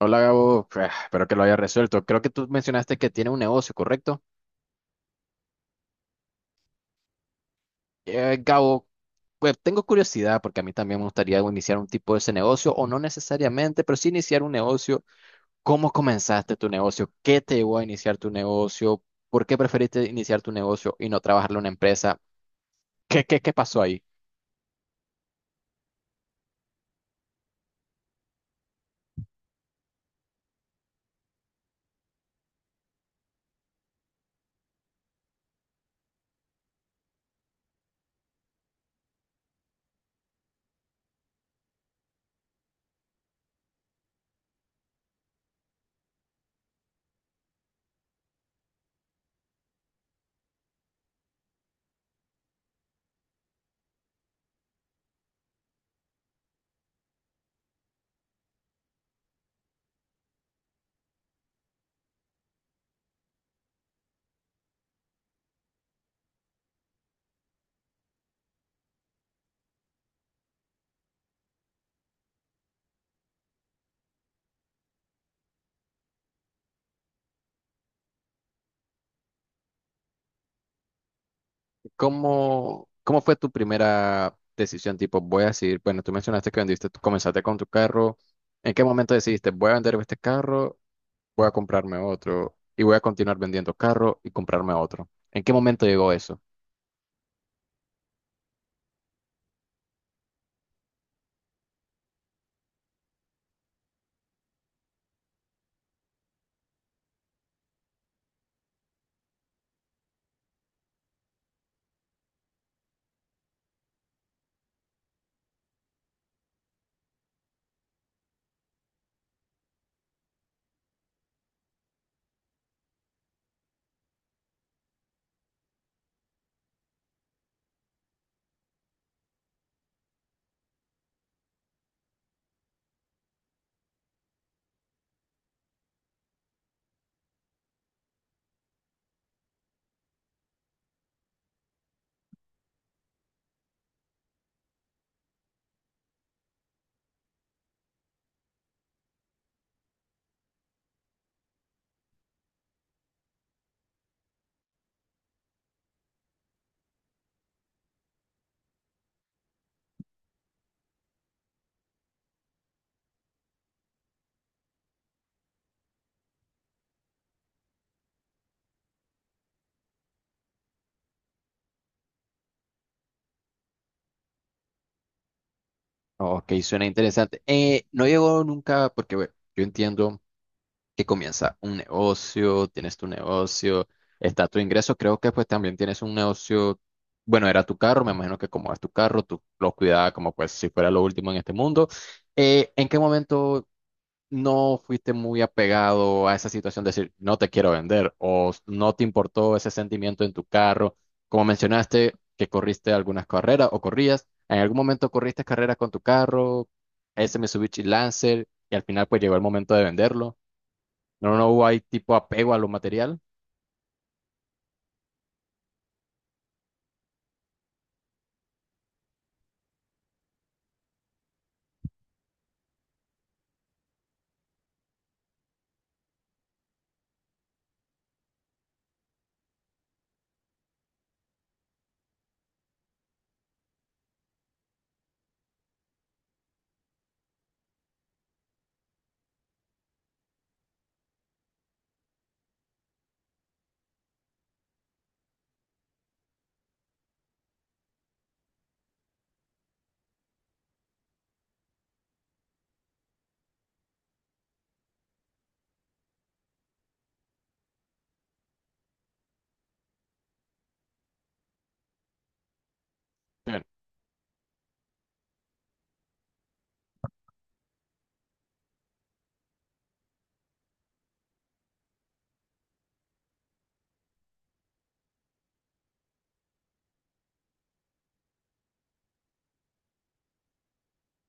Hola Gabo. Ah, espero que lo haya resuelto. Creo que tú mencionaste que tiene un negocio, ¿correcto? Gabo, pues tengo curiosidad porque a mí también me gustaría, bueno, iniciar un tipo de ese negocio, o no necesariamente, pero sí iniciar un negocio. ¿Cómo comenzaste tu negocio? ¿Qué te llevó a iniciar tu negocio? ¿Por qué preferiste iniciar tu negocio y no trabajarlo en una empresa? ¿Qué pasó ahí? ¿Cómo fue tu primera decisión? Tipo, voy a decir, bueno, tú mencionaste que vendiste, tú comenzaste con tu carro. ¿En qué momento decidiste voy a vender este carro? Voy a comprarme otro y voy a continuar vendiendo carro y comprarme otro. ¿En qué momento llegó eso? Ok, suena interesante. No llegó nunca porque, bueno, yo entiendo que comienza un negocio, tienes tu negocio, está tu ingreso, creo que pues también tienes un negocio, bueno, era tu carro, me imagino que como es tu carro, tú lo cuidabas como, pues, si fuera lo último en este mundo. ¿En qué momento no fuiste muy apegado a esa situación de decir no te quiero vender, o no te importó ese sentimiento en tu carro? Como mencionaste que corriste algunas carreras o corrías, en algún momento corriste carreras con tu carro, ese Mitsubishi Lancer, y al final pues llegó el momento de venderlo. No, no hubo ahí tipo apego a lo material.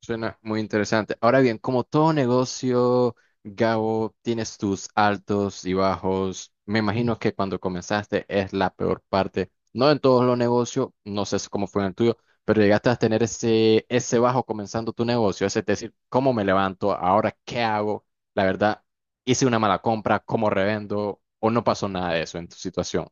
Suena muy interesante. Ahora bien, como todo negocio, Gabo, tienes tus altos y bajos. Me imagino que cuando comenzaste es la peor parte. No en todos los negocios, no sé cómo fue en el tuyo, pero llegaste a tener ese bajo comenzando tu negocio. Es decir, ¿cómo me levanto? ¿Ahora qué hago? La verdad, hice una mala compra, ¿cómo revendo? ¿O no pasó nada de eso en tu situación?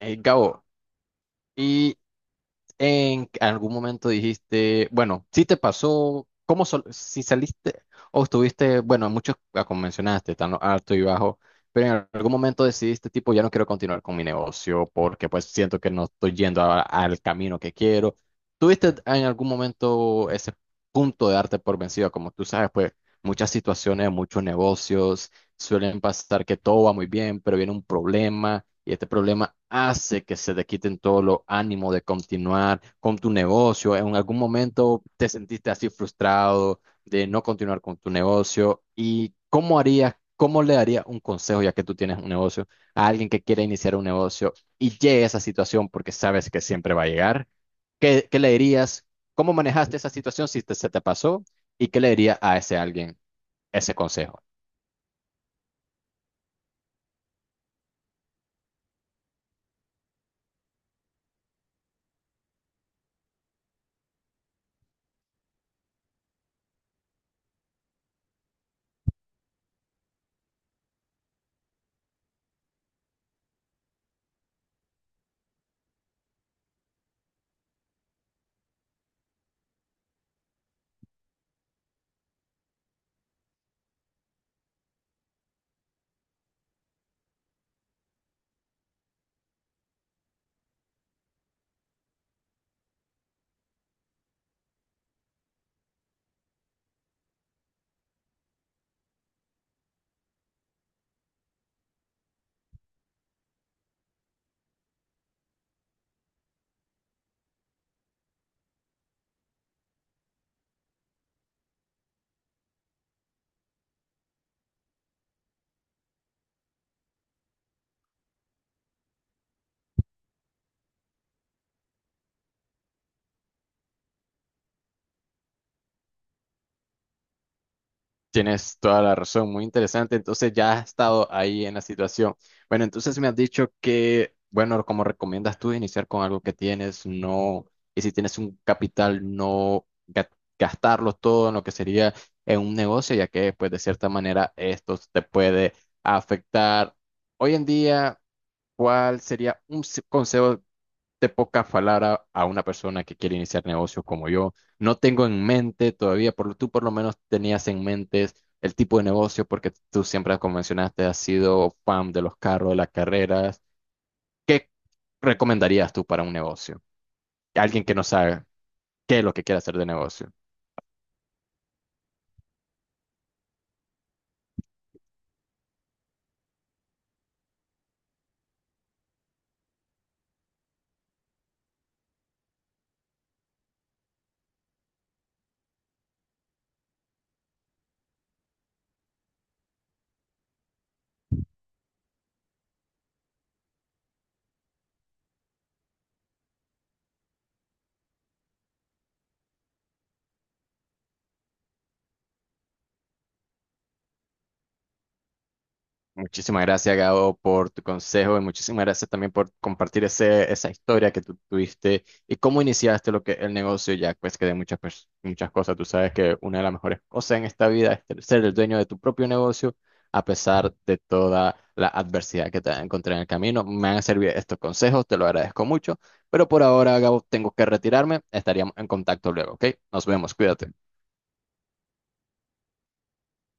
Gabo, y en algún momento dijiste, bueno, si te pasó, ¿cómo si saliste o estuviste, bueno, muchos, como mencionaste, están alto y bajo, pero en algún momento decidiste, tipo, ya no quiero continuar con mi negocio porque pues siento que no estoy yendo al camino que quiero? ¿Tuviste en algún momento ese punto de darte por vencido? Como tú sabes, pues muchas situaciones, muchos negocios suelen pasar que todo va muy bien, pero viene un problema y este problema hace que se te quiten todos los ánimos de continuar con tu negocio. ¿En algún momento te sentiste así frustrado de no continuar con tu negocio? ¿Y cómo harías, cómo le darías un consejo, ya que tú tienes un negocio, a alguien que quiere iniciar un negocio y llegue a esa situación porque sabes que siempre va a llegar? ¿Qué le dirías? ¿Cómo manejaste esa situación si se te pasó? ¿Y qué le dirías a ese alguien, ese consejo? Tienes toda la razón, muy interesante. Entonces ya has estado ahí en la situación. Bueno, entonces me has dicho que, bueno, como recomiendas tú iniciar con algo que tienes, no, y si tienes un capital, no gastarlo todo en lo que sería en un negocio, ya que pues de cierta manera esto te puede afectar. Hoy en día, ¿cuál sería un consejo te poca falar a una persona que quiere iniciar negocios como yo? No tengo en mente todavía, por, tú por lo menos tenías en mente el tipo de negocio, porque tú siempre, como mencionaste, has sido fan de los carros, de las carreras. ¿Qué recomendarías tú para un negocio? Alguien que no sabe qué es lo que quiere hacer de negocio. Muchísimas gracias, Gabo, por tu consejo, y muchísimas gracias también por compartir esa historia que tú tuviste y cómo iniciaste lo que el negocio ya, pues que de muchas, muchas cosas, tú sabes que una de las mejores cosas en esta vida es ser el dueño de tu propio negocio a pesar de toda la adversidad que te encontré en el camino. Me han servido estos consejos, te lo agradezco mucho, pero por ahora, Gabo, tengo que retirarme. Estaríamos en contacto luego, ¿ok? Nos vemos, cuídate.